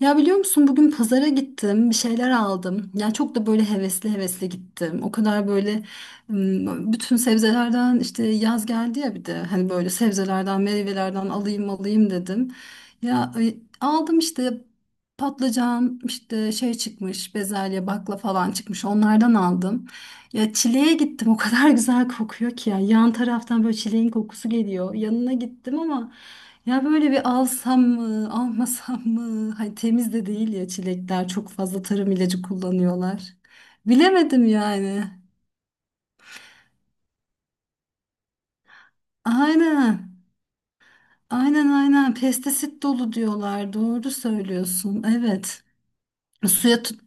Ya biliyor musun, bugün pazara gittim, bir şeyler aldım. Ya çok da böyle hevesli hevesli gittim. O kadar böyle bütün sebzelerden, işte yaz geldi ya, bir de hani böyle sebzelerden, meyvelerden alayım alayım dedim. Ya, aldım işte patlıcan, işte şey çıkmış, bezelye, bakla falan çıkmış. Onlardan aldım. Ya çileğe gittim. O kadar güzel kokuyor ki ya. Yan taraftan böyle çileğin kokusu geliyor. Yanına gittim ama ya böyle, bir alsam mı, almasam mı? Hani temiz de değil ya çilekler. Çok fazla tarım ilacı kullanıyorlar. Bilemedim yani. Aynen. Aynen, aynen. Pestisit dolu diyorlar. Doğru söylüyorsun. Evet. Suya tut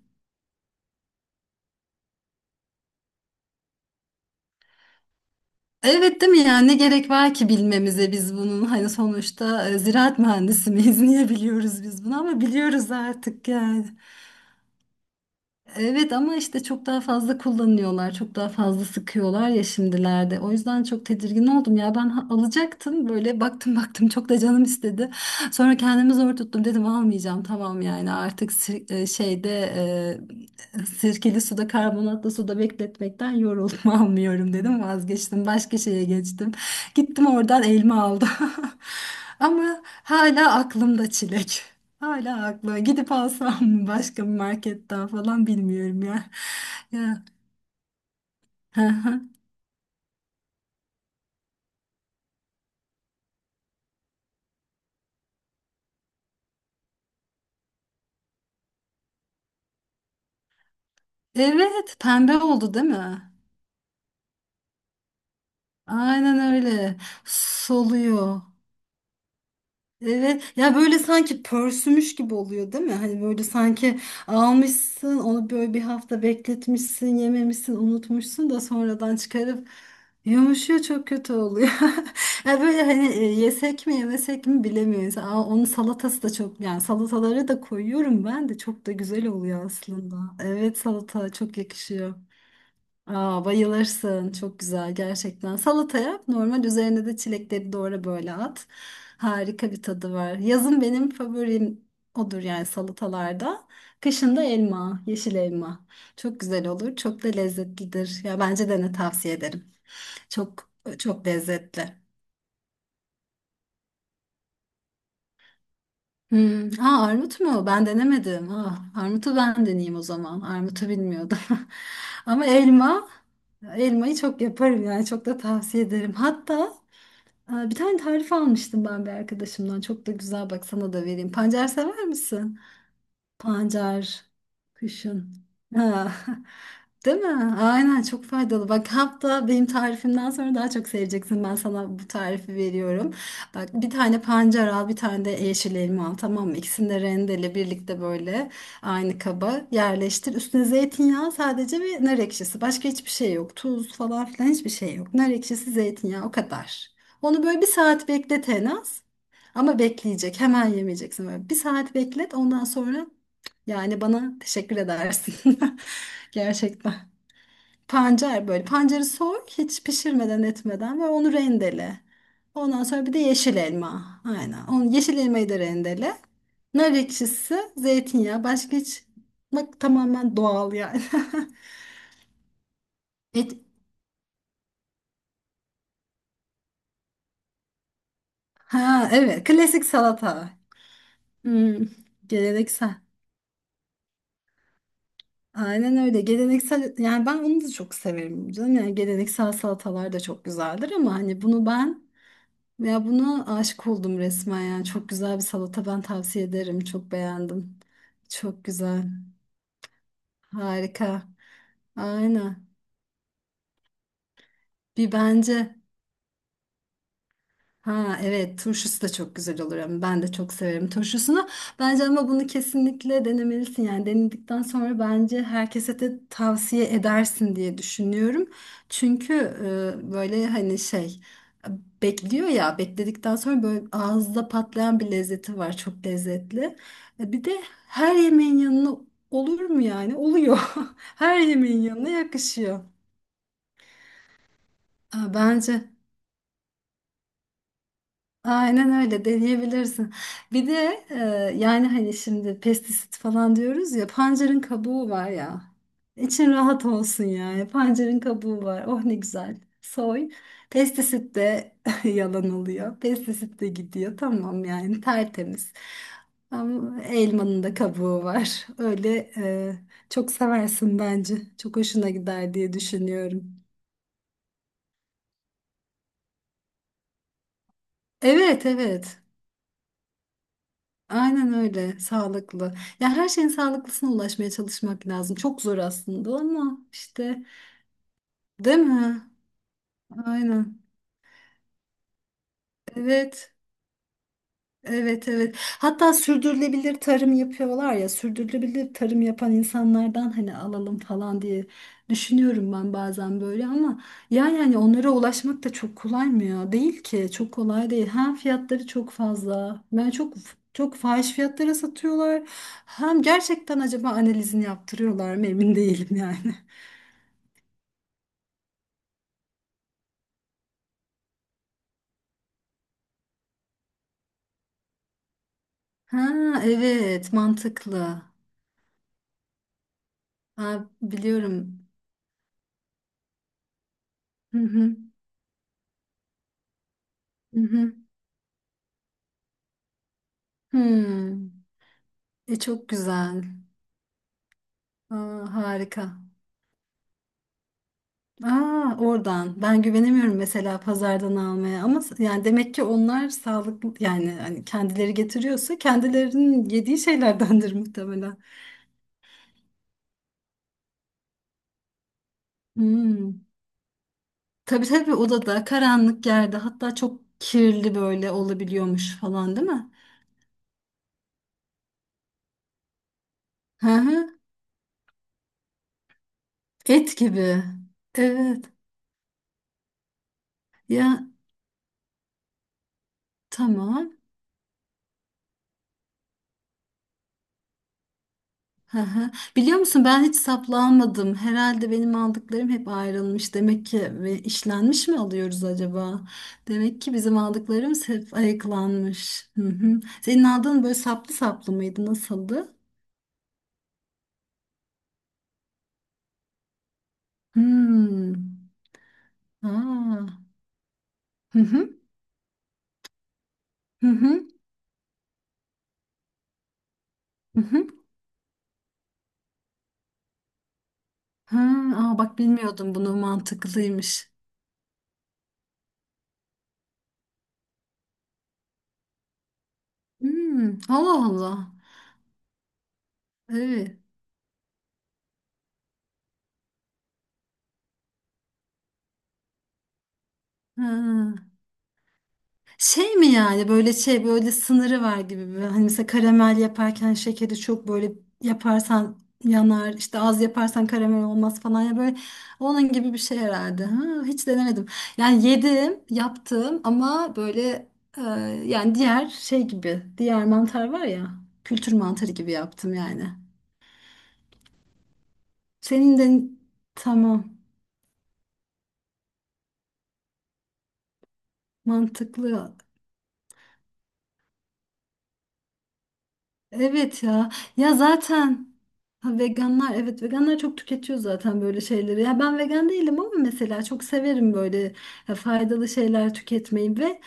Evet, değil mi? Yani ne gerek var ki bilmemize biz bunun, hani sonuçta ziraat mühendisi miyiz niye biliyoruz biz bunu, ama biliyoruz artık yani. Evet, ama işte çok daha fazla kullanıyorlar, çok daha fazla sıkıyorlar ya şimdilerde. O yüzden çok tedirgin oldum ya. Ben alacaktım, böyle baktım baktım, çok da canım istedi. Sonra kendimi zor tuttum, dedim almayacağım, tamam yani, artık sirkeli suda, karbonatlı suda bekletmekten yoruldum almıyorum dedim, vazgeçtim. Başka şeye geçtim. Gittim, oradan elma aldım. Ama hala aklımda çilek. Hala haklı. Gidip alsam mı başka bir marketten falan, bilmiyorum ya. Ya. Hı hı. Evet, pembe oldu değil mi? Aynen öyle. Soluyor. Evet ya, böyle sanki pörsümüş gibi oluyor değil mi? Hani böyle sanki almışsın onu, böyle bir hafta bekletmişsin, yememişsin, unutmuşsun da sonradan çıkarıp yumuşuyor, çok kötü oluyor. Ya böyle hani yesek mi, yemesek mi, bilemiyoruz. Aa, onun salatası da çok, yani salataları da koyuyorum ben de, çok da güzel oluyor aslında. Evet, salata çok yakışıyor. Aa, bayılırsın. Çok güzel gerçekten. Salata yap. Normal, üzerine de çilekleri doğra böyle, at. Harika bir tadı var. Yazın benim favorim odur yani, salatalarda. Kışın da elma, yeşil elma. Çok güzel olur. Çok da lezzetlidir. Ya bence dene, tavsiye ederim. Çok, çok lezzetli. Hmm. Aa, armut mu? Ben denemedim. Ah, armutu ben deneyeyim o zaman. Armutu bilmiyordum. Ama elma, elmayı çok yaparım yani, çok da tavsiye ederim. Hatta, aa, bir tane tarif almıştım ben bir arkadaşımdan. Çok da güzel, bak sana da vereyim. Pancar sever misin? Pancar kışın. Ha. Değil mi? Aynen, çok faydalı. Bak, hatta benim tarifimden sonra daha çok seveceksin. Ben sana bu tarifi veriyorum. Bak, bir tane pancar al, bir tane de yeşil elma al. Tamam mı? İkisini de rendele, birlikte böyle aynı kaba yerleştir. Üstüne zeytinyağı sadece ve nar ekşisi. Başka hiçbir şey yok. Tuz falan filan, hiçbir şey yok. Nar ekşisi, zeytinyağı, o kadar. Onu böyle bir saat beklet en az. Ama bekleyecek. Hemen yemeyeceksin. Böyle bir saat beklet. Ondan sonra yani bana teşekkür edersin. Gerçekten. Pancar böyle. Pancarı soy, hiç pişirmeden etmeden, ve onu rendele. Ondan sonra bir de yeşil elma. Aynen. Onu, yeşil elmayı da rendele. Nar ekşisi, zeytinyağı. Başka hiç, bak tamamen doğal yani. Et, ha evet, klasik salata. Hmm, geleneksel. Aynen öyle. Geleneksel, yani ben onu da çok severim canım. Yani geleneksel salatalar da çok güzeldir, ama hani bunu ben, ya buna aşık oldum resmen ya. Çok güzel bir salata, ben tavsiye ederim. Çok beğendim. Çok güzel. Harika. Aynen. Bir, bence, ha evet turşusu da çok güzel olur, ama ben de çok severim turşusunu. Bence, ama bunu kesinlikle denemelisin, yani denedikten sonra bence herkese de tavsiye edersin diye düşünüyorum. Çünkü böyle hani şey, bekliyor ya, bekledikten sonra böyle ağızda patlayan bir lezzeti var, çok lezzetli. Bir de her yemeğin yanına, olur mu yani, oluyor, her yemeğin yanına yakışıyor. Ha, bence. Aynen öyle de diyebilirsin. Bir de yani hani şimdi pestisit falan diyoruz ya, pancarın kabuğu var ya. İçin rahat olsun yani. Pancarın kabuğu var. Oh ne güzel. Soy. Pestisit de yalan oluyor. Pestisit de gidiyor. Tamam yani, tertemiz. Ama elmanın da kabuğu var. Öyle, çok seversin bence. Çok hoşuna gider diye düşünüyorum. Evet, evet. Aynen öyle, sağlıklı. Ya her şeyin sağlıklısına ulaşmaya çalışmak lazım. Çok zor aslında, ama işte, değil mi? Aynen. Evet. Evet, evet. Hatta sürdürülebilir tarım yapıyorlar ya. Sürdürülebilir tarım yapan insanlardan hani alalım falan diye düşünüyorum ben bazen böyle, ama ya yani onlara ulaşmak da çok kolay mı ya? Değil ki. Çok kolay değil. Hem fiyatları çok fazla. Ben, çok çok fahiş fiyatlara satıyorlar. Hem gerçekten acaba analizini yaptırıyorlar mı, emin değilim yani. Ha evet, mantıklı. Ha, biliyorum. Hı hı. Hı hı. Hmm. E çok güzel. Aa, harika. Aa, oradan. Ben güvenemiyorum mesela pazardan almaya, ama yani demek ki onlar sağlıklı, yani hani kendileri getiriyorsa kendilerinin yediği şeylerdendir muhtemelen. Hmm. Tabii tabii, odada, karanlık yerde, hatta çok kirli böyle olabiliyormuş falan değil mi? Hı hı. Et gibi. Evet. Ya tamam. Hı hı. Biliyor musun, ben hiç saplanmadım. Herhalde benim aldıklarım hep ayrılmış. Demek ki, ve işlenmiş mi alıyoruz acaba? Demek ki bizim aldıklarımız hep ayıklanmış. Hı hı. Senin aldığın böyle saplı saplı mıydı? Nasıldı? Hmm. Aa. Hı hı. Hı hı. Hı hı. Ha, aa, bak bilmiyordum bunu, mantıklıymış. Hmm. Allah Allah. Evet. Ha. Şey mi yani, böyle şey, böyle sınırı var gibi mi? Hani mesela karamel yaparken şekeri çok böyle yaparsan yanar işte, az yaparsan karamel olmaz falan, ya böyle onun gibi bir şey herhalde. Ha, hiç denemedim. Yani yedim, yaptım, ama böyle, e, yani diğer şey gibi, diğer mantar var ya, kültür mantarı gibi yaptım yani. Senin de, tamam, mantıklı. Evet ya. Ya zaten, ha, veganlar, evet veganlar çok tüketiyor zaten böyle şeyleri. Ya ben vegan değilim, ama mesela çok severim böyle faydalı şeyler tüketmeyi, ve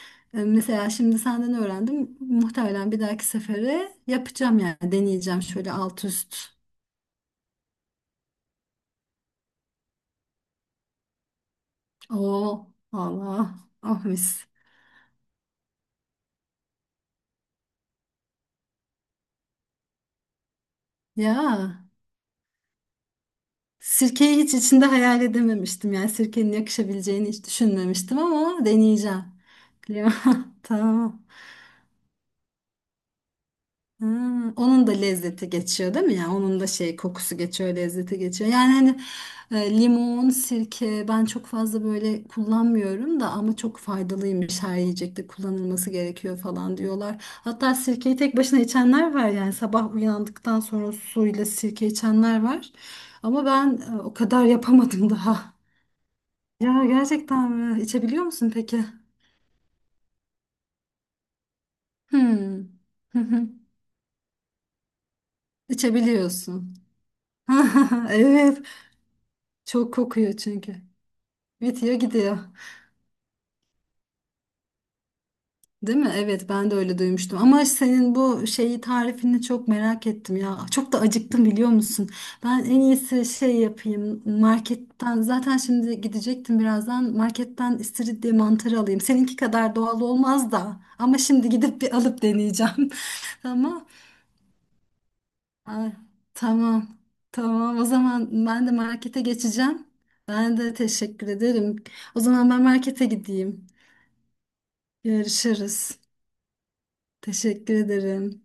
mesela şimdi senden öğrendim. Muhtemelen bir dahaki sefere yapacağım, yani deneyeceğim şöyle alt üst. Oo Allah, ah mis. Ya sirkeyi hiç içinde hayal edememiştim. Yani sirkenin yakışabileceğini hiç düşünmemiştim, ama deneyeceğim. Tamam. Hmm, onun da lezzeti geçiyor değil mi ya? Onun da şey, kokusu geçiyor, lezzeti geçiyor. Yani hani limon, sirke, ben çok fazla böyle kullanmıyorum da, ama çok faydalıymış, her yiyecekte kullanılması gerekiyor falan diyorlar. Hatta sirkeyi tek başına içenler var, yani sabah uyandıktan sonra suyla sirke içenler var. Ama ben, o kadar yapamadım daha. Ya gerçekten mi? İçebiliyor musun peki? Hmm. İçebiliyorsun. Evet. Çok kokuyor çünkü. Bitiyor gidiyor. Değil mi? Evet, ben de öyle duymuştum. Ama senin bu şeyi, tarifini çok merak ettim ya. Çok da acıktım, biliyor musun? Ben en iyisi şey yapayım. Marketten zaten şimdi gidecektim birazdan. Marketten istiridye mantarı alayım. Seninki kadar doğal olmaz da. Ama şimdi gidip bir alıp deneyeceğim. Tamam. Ay, tamam. Tamam. O zaman ben de markete geçeceğim. Ben de teşekkür ederim. O zaman ben markete gideyim. Yarışırız. Teşekkür ederim.